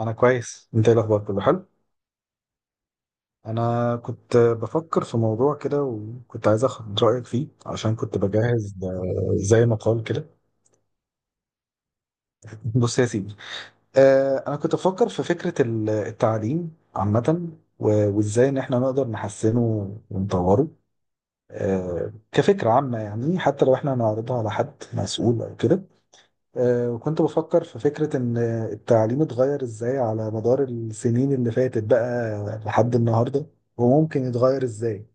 انا كويس، انت ايه الاخبار؟ كله حلو. انا كنت بفكر في موضوع كده وكنت عايز اخد رايك فيه عشان كنت بجهز زي مقال كده. بص يا سيدي. انا كنت بفكر في فكره التعليم عامه، وازاي ان احنا نقدر نحسنه ونطوره. كفكره عامه، يعني حتى لو احنا هنعرضها على حد مسؤول او كده. وكنت بفكر في فكرة إن التعليم اتغير إزاي على مدار السنين اللي فاتت بقى لحد النهاردة، وممكن يتغير إزاي.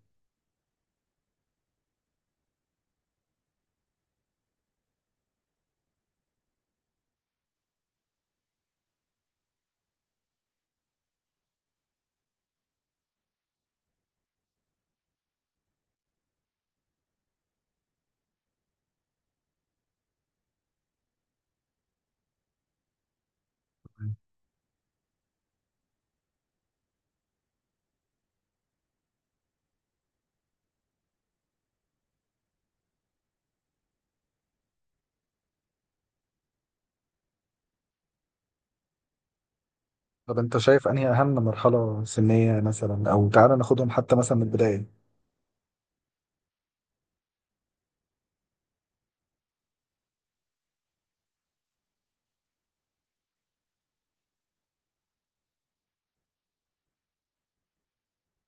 طب أنت شايف أنهي أهم مرحلة سنية مثلا؟ أو تعالى ناخدهم حتى مثلا من البداية.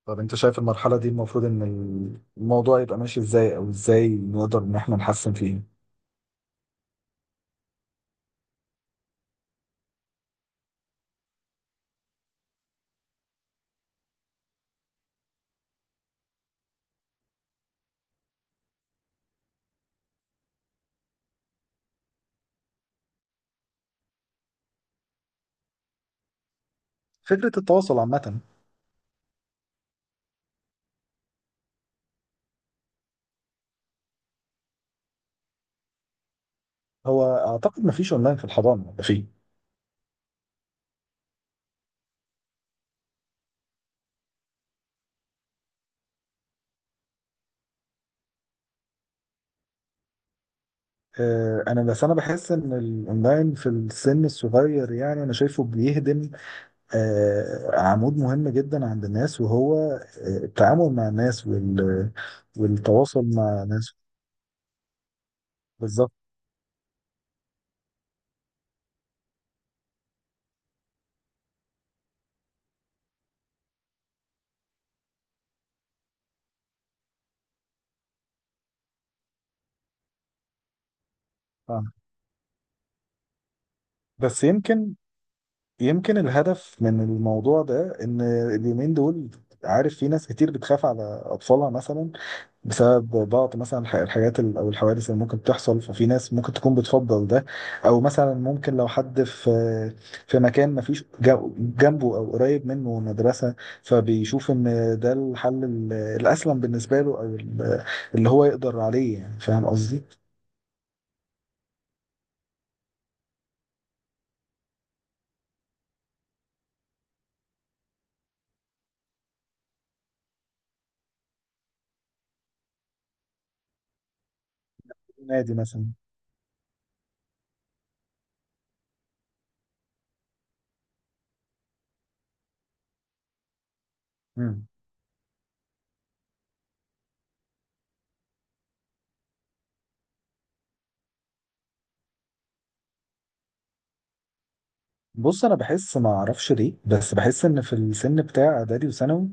طب أنت شايف المرحلة دي المفروض إن الموضوع يبقى ماشي إزاي؟ أو إزاي نقدر إن إحنا نحسن فيه؟ فكرة التواصل عامة. هو أعتقد مفيش أونلاين في الحضانة، ده فيه. أنا بس أنا بحس إن الأونلاين في السن الصغير، يعني أنا شايفه بيهدم عمود مهم جدا عند الناس، وهو التعامل مع الناس وال... والتواصل مع الناس. بالظبط. آه. بس يمكن الهدف من الموضوع ده ان اليومين دول، عارف، في ناس كتير بتخاف على اطفالها مثلا بسبب بعض مثلا الحاجات او الحوادث اللي ممكن تحصل. ففي ناس ممكن تكون بتفضل ده، او مثلا ممكن لو حد في في مكان ما فيش جنبه او قريب منه مدرسة، فبيشوف ان ده الحل الاسلم بالنسبة له، او اللي هو يقدر عليه، يعني فاهم قصدي. نادي مثلا. مم. بص انا بحس، ما اعرفش ليه، بس بحس ان في السن بتاع اعدادي وثانوي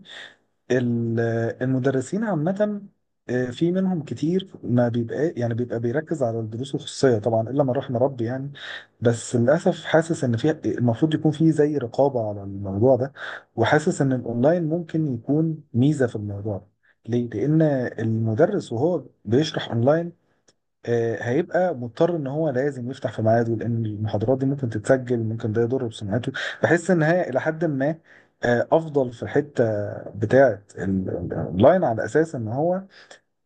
ال- المدرسين عامة، في منهم كتير ما بيبقى، يعني بيبقى بيركز على الدروس الخصوصية طبعا، إلا من رحم ربي يعني. بس للأسف حاسس إن في المفروض يكون في زي رقابة على الموضوع ده، وحاسس إن الأونلاين ممكن يكون ميزة في الموضوع ده. ليه؟ لأن المدرس وهو بيشرح أونلاين، هيبقى مضطر ان هو لازم يفتح في ميعاده، لان المحاضرات دي ممكن تتسجل، ممكن ده يضر بسمعته. بحس ان هي الى حد ما افضل في الحته بتاعه اللاين، على اساس ان هو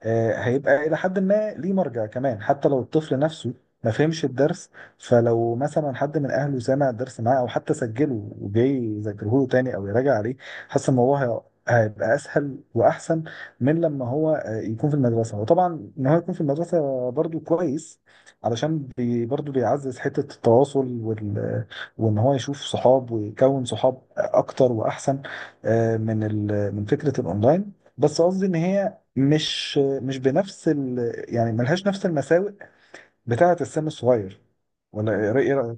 هيبقى إلى حد ما ليه مرجع كمان، حتى لو الطفل نفسه ما فهمش الدرس. فلو مثلا حد من أهله سمع الدرس معاه أو حتى سجله وجاي يذاكره له تاني أو يراجع عليه، حاسس إن هو هيبقى أسهل وأحسن من لما هو يكون في المدرسة. وطبعا إن هو يكون في المدرسة برضو كويس، علشان بي برضو بيعزز حتة التواصل وال... وإن هو يشوف صحاب ويكون صحاب أكتر وأحسن من ال... من فكرة الأونلاين. بس قصدي ان هي مش بنفس ال... يعني ملهاش نفس المساوئ بتاعة السن الصغير. ولا ايه رأيك؟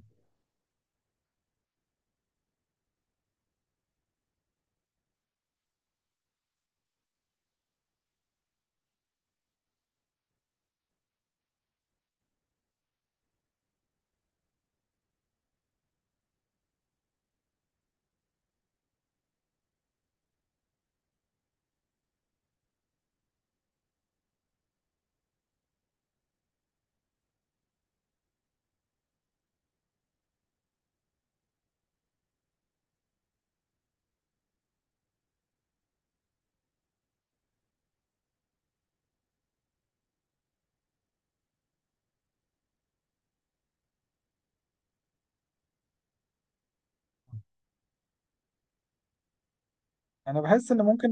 انا بحس ان ممكن.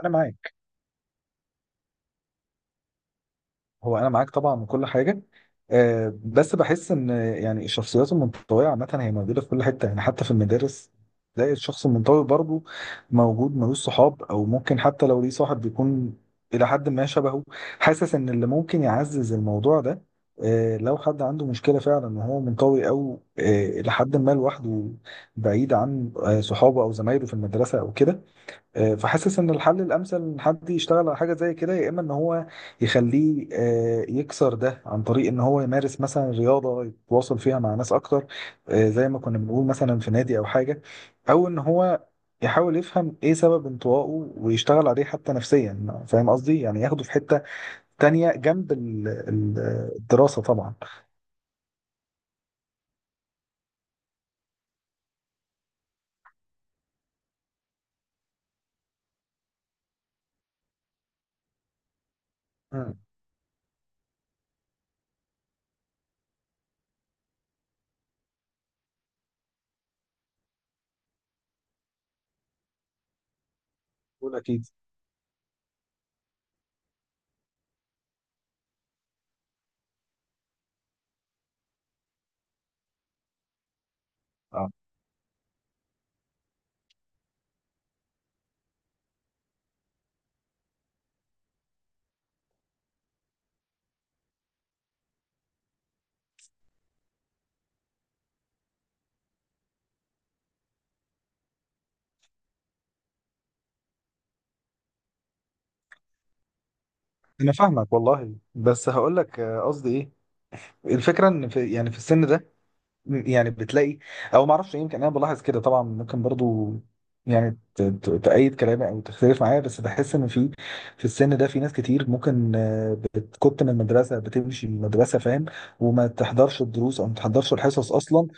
انا معاك. هو انا معاك طبعا من كل حاجه. بس بحس ان يعني الشخصيات المنطويه عامه هي موجوده في كل حته، يعني حتى في المدارس تلاقي الشخص المنطوي برضه موجود، ملوش صحاب، او ممكن حتى لو ليه صاحب بيكون الى حد ما شبهه. حاسس ان اللي ممكن يعزز الموضوع ده، لو حد عنده مشكله فعلا ان هو منطوي او الى حد ما لوحده، بعيد عن صحابه او زمايله في المدرسه او كده، فحاسس ان الحل الامثل ان حد يشتغل على حاجه زي كده، يا اما ان هو يخليه يكسر ده عن طريق ان هو يمارس مثلا رياضه يتواصل فيها مع ناس اكتر، زي ما كنا بنقول مثلا في نادي او حاجه، او ان هو يحاول يفهم ايه سبب انطوائه ويشتغل عليه حتى نفسيا، فاهم قصدي، يعني ياخده في حته تانية جنب الدراسه طبعا. مم. بقول اكيد. اه انا فاهمك والله، بس هقول لك قصدي ايه. الفكره ان في، يعني في السن ده، يعني بتلاقي، او ما اعرفش، يمكن انا بلاحظ كده، طبعا ممكن برضو يعني تأيد كلامي او تختلف معايا، بس بحس ان في في السن ده في ناس كتير ممكن تكت من المدرسه، بتمشي من المدرسه، فاهم، وما تحضرش الدروس او ما تحضرش الحصص اصلا.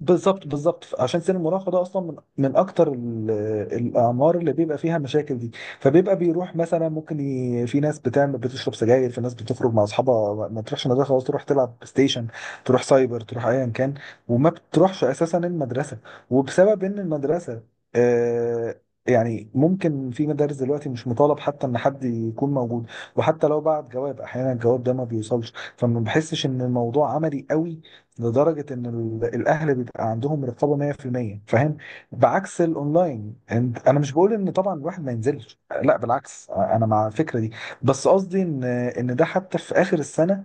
بالظبط بالظبط، عشان سن المراهقه ده اصلا من اكتر الاعمار اللي بيبقى فيها المشاكل دي. فبيبقى بيروح مثلا، ممكن ي... في ناس بتعمل، بتشرب سجاير، في ناس بتخرج مع اصحابها، ما ما تروحش مدرسه، خلاص تروح تلعب بلاي ستيشن، تروح سايبر، تروح ايا كان، وما بتروحش اساسا المدرسه. وبسبب ان المدرسه آه، يعني ممكن في مدارس دلوقتي مش مطالب حتى ان حد يكون موجود، وحتى لو بعت جواب، احيانا الجواب ده ما بيوصلش، فما بحسش ان الموضوع عملي قوي لدرجة إن الأهل بيبقى عندهم رقابة 100% فاهم؟ بعكس الأونلاين أنا مش بقول إن طبعا الواحد ما ينزلش، لا بالعكس أنا مع الفكرة دي. بس قصدي إن ده حتى في آخر السنة،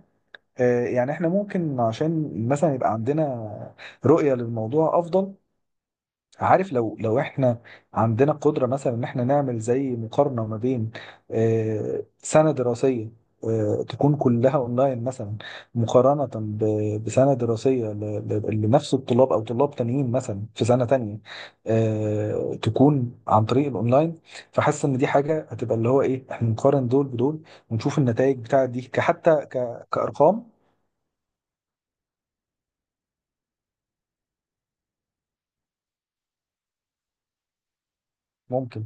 يعني إحنا ممكن عشان مثلا يبقى عندنا رؤية للموضوع أفضل. عارف، لو احنا عندنا قدرة مثلا ان احنا نعمل زي مقارنة ما بين سنة دراسية تكون كلها اونلاين مثلا، مقارنة بسنة دراسية لنفس الطلاب او طلاب تانيين مثلا في سنة تانية تكون عن طريق الاونلاين. فحاسس ان دي حاجة هتبقى اللي هو ايه، احنا نقارن دول بدول ونشوف النتائج بتاعت دي كحتى كأرقام. ممكن.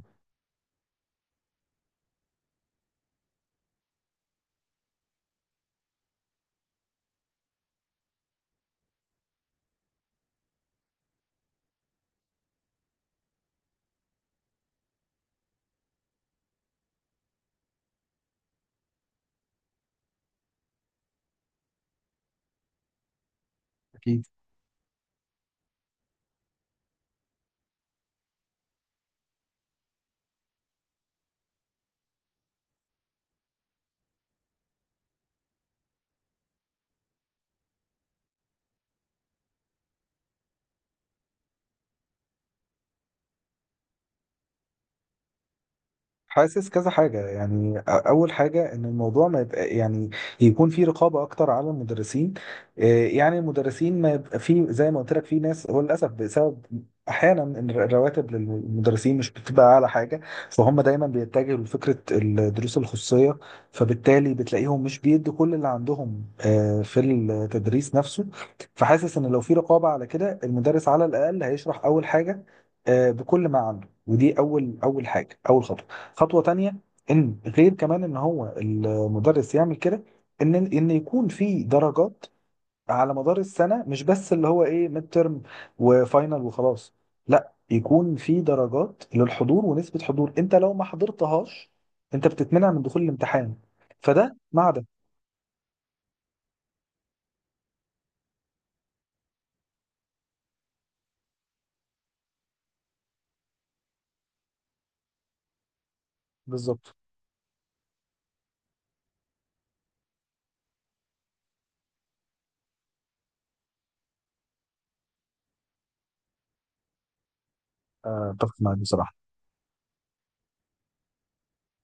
أكيد. حاسس كذا حاجة، يعني أول حاجة إن الموضوع ما يبقى، يعني يكون في رقابة أكتر على المدرسين. إيه، يعني المدرسين ما يبقى في، زي ما قلت لك في ناس هو للأسف بسبب أحيانا إن الرواتب للمدرسين مش بتبقى أعلى حاجة، فهم دايما بيتجهوا لفكرة الدروس الخصوصية، فبالتالي بتلاقيهم مش بيدوا كل اللي عندهم في التدريس نفسه. فحاسس إن لو في رقابة على كده، المدرس على الأقل هيشرح أول حاجة بكل ما عنده، ودي أول حاجة، أول خطوة. خطوة تانية ان غير كمان ان هو المدرس يعمل كده، ان يكون في درجات على مدار السنة، مش بس اللي هو ايه ميد ترم وفاينل وخلاص. لا يكون في درجات للحضور ونسبة حضور، انت لو ما حضرتهاش انت بتتمنع من دخول الامتحان. فده مع ده. بالظبط. اتفق معاك بصراحة.